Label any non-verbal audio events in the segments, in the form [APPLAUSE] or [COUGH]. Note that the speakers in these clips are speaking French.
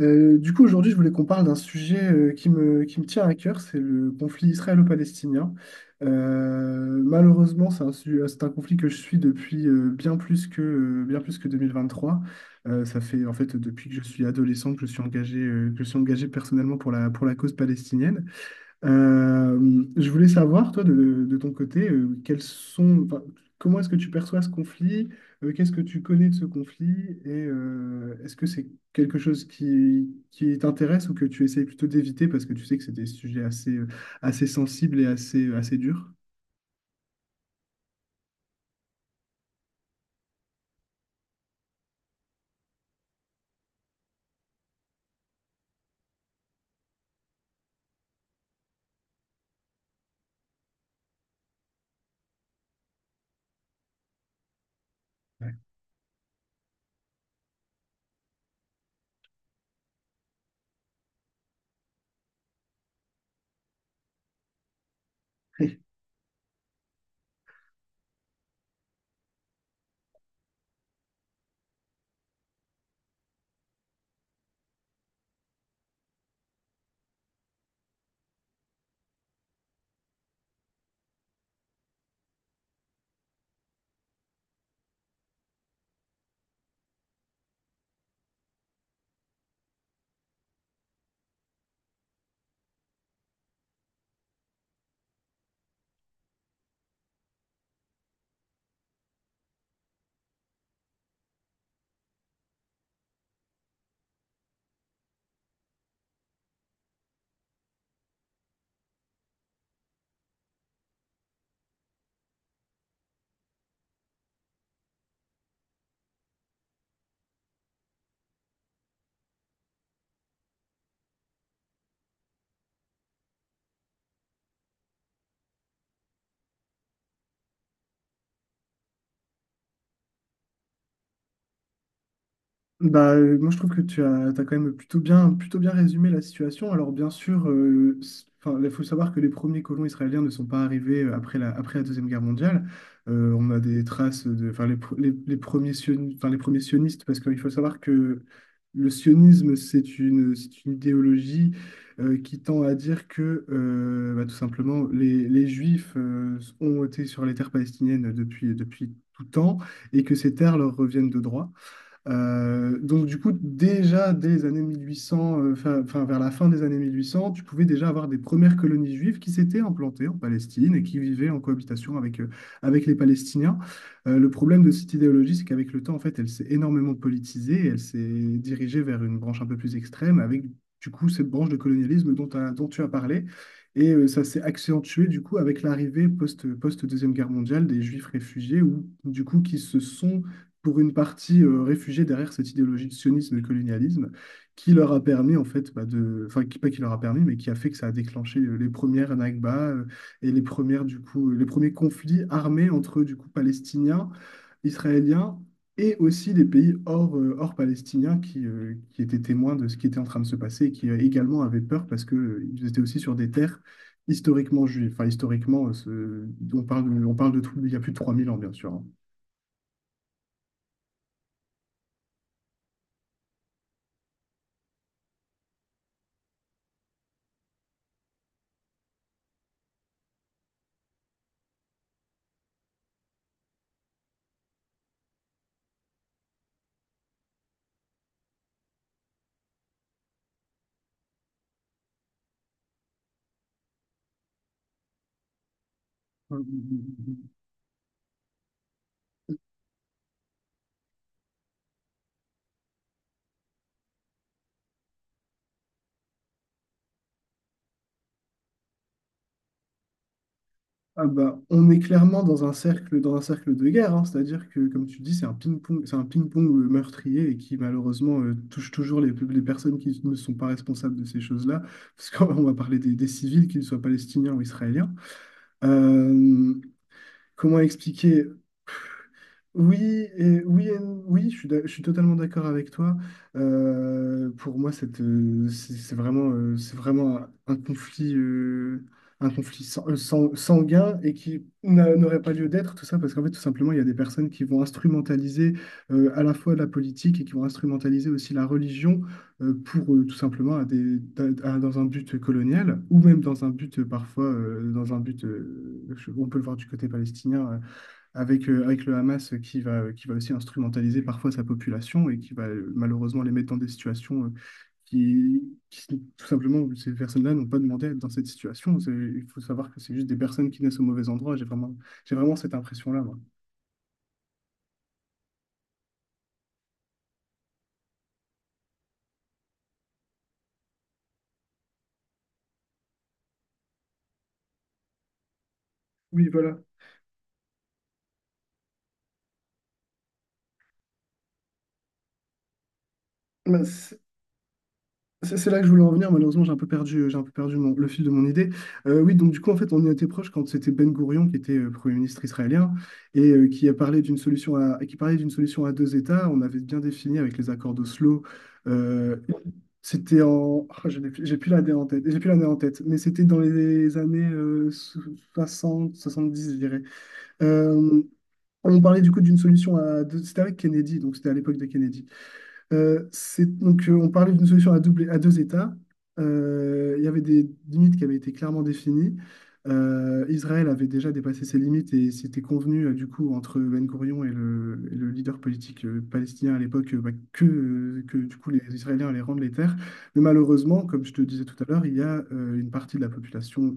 Du coup, aujourd'hui, je voulais qu'on parle d'un sujet qui me tient à cœur, c'est le conflit israélo-palestinien. Malheureusement, c'est c'est un conflit que je suis depuis bien plus que 2023. Ça fait en fait depuis que je suis adolescent que je suis engagé personnellement pour la cause palestinienne. Je voulais savoir, toi, de ton côté, quels sont, enfin, comment est-ce que tu perçois ce conflit? Qu'est-ce que tu connais de ce conflit? Et est-ce que c'est quelque chose qui t'intéresse ou que tu essayes plutôt d'éviter parce que tu sais que c'est des sujets assez sensibles et assez durs? Bah, moi, je trouve que t'as quand même plutôt bien résumé la situation. Alors, bien sûr, enfin, il faut savoir que les premiers colons israéliens ne sont pas arrivés après la Deuxième Guerre mondiale. On a des traces de, enfin, les premiers sionistes, enfin, les premiers sionistes, parce qu'il faut savoir que le sionisme, c'est une idéologie qui tend à dire que, bah, tout simplement, les Juifs ont été sur les terres palestiniennes depuis tout temps et que ces terres leur reviennent de droit. Donc du coup, déjà dès les années 1800, enfin vers la fin des années 1800, tu pouvais déjà avoir des premières colonies juives qui s'étaient implantées en Palestine et qui vivaient en cohabitation avec les Palestiniens. Le problème de cette idéologie, c'est qu'avec le temps, en fait, elle s'est énormément politisée et elle s'est dirigée vers une branche un peu plus extrême avec du coup cette branche de colonialisme dont tu as parlé. Et ça s'est accentué du coup avec l'arrivée post-deuxième guerre mondiale des juifs réfugiés ou du coup qui se sont pour une partie réfugiée derrière cette idéologie de sionisme et de colonialisme qui leur a permis, en fait, bah, de... enfin, qui, pas qui leur a permis, mais qui a fait que ça a déclenché les premières Nakba et les premiers conflits armés entre, du coup, Palestiniens, Israéliens et aussi les pays hors palestiniens qui étaient témoins de ce qui était en train de se passer et qui également avaient peur parce que, ils étaient aussi sur des terres historiquement juives. Enfin, historiquement, on parle de tout, il y a plus de 3 000 ans, bien sûr. Hein. Ah bah, on est clairement dans un cercle de guerre, hein. C'est-à-dire que, comme tu dis, c'est un ping-pong meurtrier et qui malheureusement touche toujours les personnes qui ne sont pas responsables de ces choses-là, parce qu'on va parler des civils, qu'ils soient palestiniens ou israéliens. Euh, Comment expliquer? Oui, et, oui, et non. Oui, je je suis totalement d'accord avec toi. Pour moi, cette, c'est vraiment un conflit, un conflit sanguin et qui n'aurait pas lieu d'être, tout ça, parce qu'en fait, tout simplement, il y a des personnes qui vont instrumentaliser à la fois la politique et qui vont instrumentaliser aussi la religion pour tout simplement à des, à- dans un but colonial ou même dans un but parfois, dans un but, on peut le voir du côté palestinien. Avec le Hamas qui va aussi instrumentaliser parfois sa population et qui va malheureusement les mettre dans des situations qui, qui, tout simplement, ces personnes-là n'ont pas demandé à être dans cette situation. Il faut savoir que c'est juste des personnes qui naissent au mauvais endroit. J'ai vraiment cette impression-là, moi. Oui, voilà. Ben, c'est là que je voulais en venir, malheureusement j'ai un peu perdu le fil de mon idée. Oui, donc du coup en fait on y était proche quand c'était Ben Gourion qui était Premier ministre israélien et qui a parlé qui parlait d'une solution à deux États. On avait bien défini avec les accords d'Oslo. Euh, c'était en, ah, je n'ai plus- J'ai plus la date en tête, j'ai plus l'année en tête, mais c'était dans les années 60, 70, je dirais. Euh, on parlait du coup d'une solution à deux, c'était avec Kennedy, donc c'était à l'époque de Kennedy. On parlait d'une solution à deux États. Il y avait des limites qui avaient été clairement définies. Israël avait déjà dépassé ses limites et c'était convenu, du coup, entre Ben Gourion et le leader politique palestinien à l'époque, que, du coup, les Israéliens allaient rendre les terres. Mais malheureusement, comme je te disais tout à l'heure, il y a une partie de la population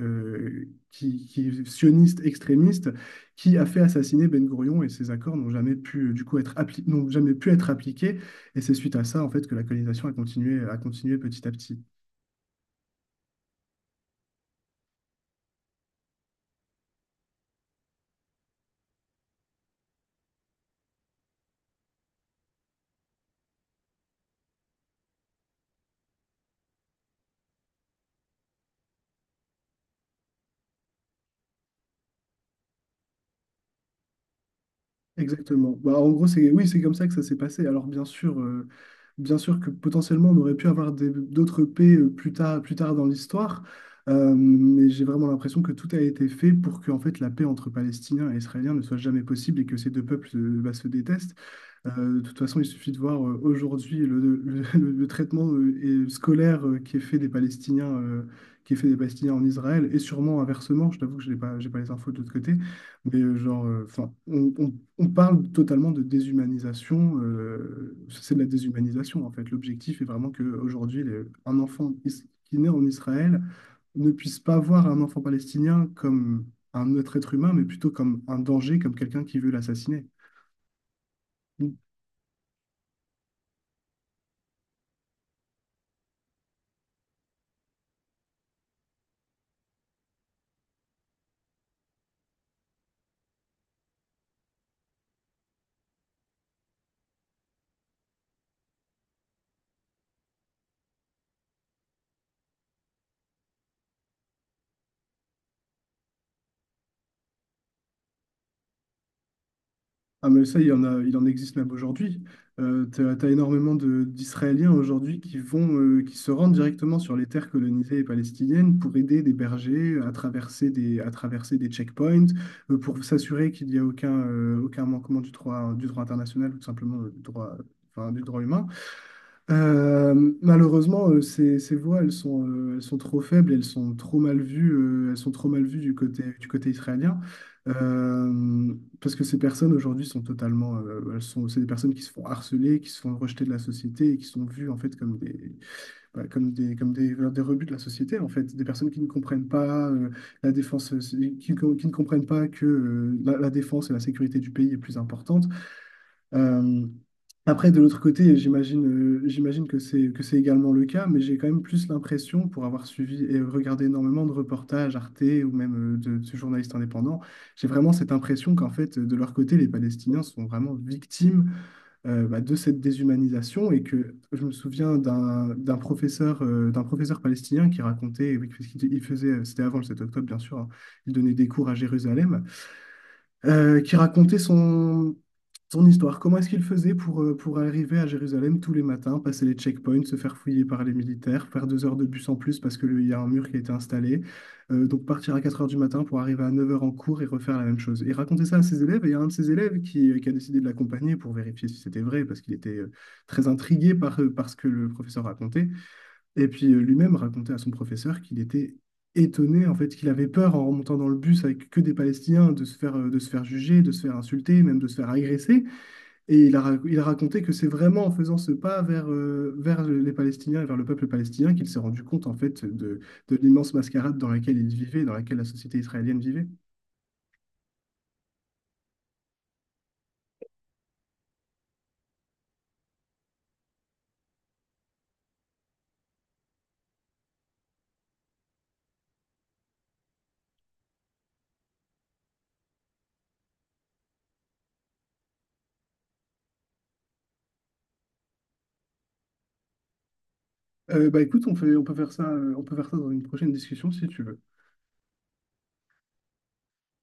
euh, qui est sioniste, extrémiste, qui a fait assassiner Ben Gourion et ses accords n'ont jamais pu, n'ont jamais pu être appliqués. Et c'est suite à ça, en fait, que la colonisation a continué petit à petit. Exactement. Bah, en gros, c'est, oui, c'est comme ça que ça s'est passé. Alors, bien sûr que potentiellement, on aurait pu avoir d'autres paix plus tard dans l'histoire, mais j'ai vraiment l'impression que tout a été fait pour que, en fait, la paix entre Palestiniens et Israéliens ne soit jamais possible et que ces deux peuples, bah, se détestent. De toute façon, il suffit de voir aujourd'hui [LAUGHS] le traitement et scolaire qui est fait des Palestiniens en Israël, et sûrement inversement. Je t'avoue que je n'ai pas, j'ai pas les infos de l'autre côté, mais genre, 'fin, on parle totalement de déshumanisation. C'est de la déshumanisation en fait. L'objectif est vraiment qu'aujourd'hui, un enfant qui naît en Israël ne puisse pas voir un enfant palestinien comme un autre être humain, mais plutôt comme un danger, comme quelqu'un qui veut l'assassiner. Ah mais ça, il y en a, il en existe même aujourd'hui. T'as énormément d'Israéliens aujourd'hui qui qui se rendent directement sur les terres colonisées et palestiniennes pour aider des bergers à traverser des checkpoints, pour s'assurer qu'il n'y a aucun manquement du droit international ou tout simplement du droit, enfin, du droit humain. Euh, Malheureusement, ces voix, elles sont trop faibles, elles sont trop mal vues, elles sont trop mal vues du côté israélien. Euh, Parce que ces personnes aujourd'hui sont totalement, c'est des personnes qui se font harceler, qui se font rejeter de la société et qui sont vues en fait comme des, bah, comme des rebuts de la société en fait, des personnes qui ne comprennent pas la défense, qui ne comprennent pas que la défense et la sécurité du pays est plus importante. euh, Après, de l'autre côté, j'imagine que c'est également le cas, mais j'ai quand même plus l'impression, pour avoir suivi et regardé énormément de reportages Arte ou même de journalistes indépendants, j'ai vraiment cette impression qu'en fait, de leur côté, les Palestiniens sont vraiment victimes bah, de cette déshumanisation. Et que je me souviens d'un professeur d'un professeur palestinien qui racontait, oui, parce il faisait, c'était avant le 7 octobre bien sûr, hein, il donnait des cours à Jérusalem, qui racontait son histoire, comment est-ce qu'il faisait pour arriver à Jérusalem tous les matins, passer les checkpoints, se faire fouiller par les militaires, faire 4 heures de bus en plus parce qu'il y a un mur qui a été installé, donc partir à 4 heures du matin pour arriver à 9 heures en cours et refaire la même chose. Et raconter ça à ses élèves, et il y a un de ses élèves qui a décidé de l'accompagner pour vérifier si c'était vrai, parce qu'il était très intrigué par ce que le professeur racontait. Et puis lui-même racontait à son professeur qu'il était étonné en fait qu'il avait peur en remontant dans le bus avec que des Palestiniens de se faire juger, de se faire insulter, même de se faire agresser. Et il a raconté que c'est vraiment en faisant ce pas vers les Palestiniens et vers le peuple palestinien qu'il s'est rendu compte en fait de l'immense mascarade dans laquelle il vivait, dans laquelle la société israélienne vivait. Bah écoute, on peut faire ça dans une prochaine discussion si tu veux.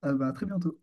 Ah bah, à très bientôt.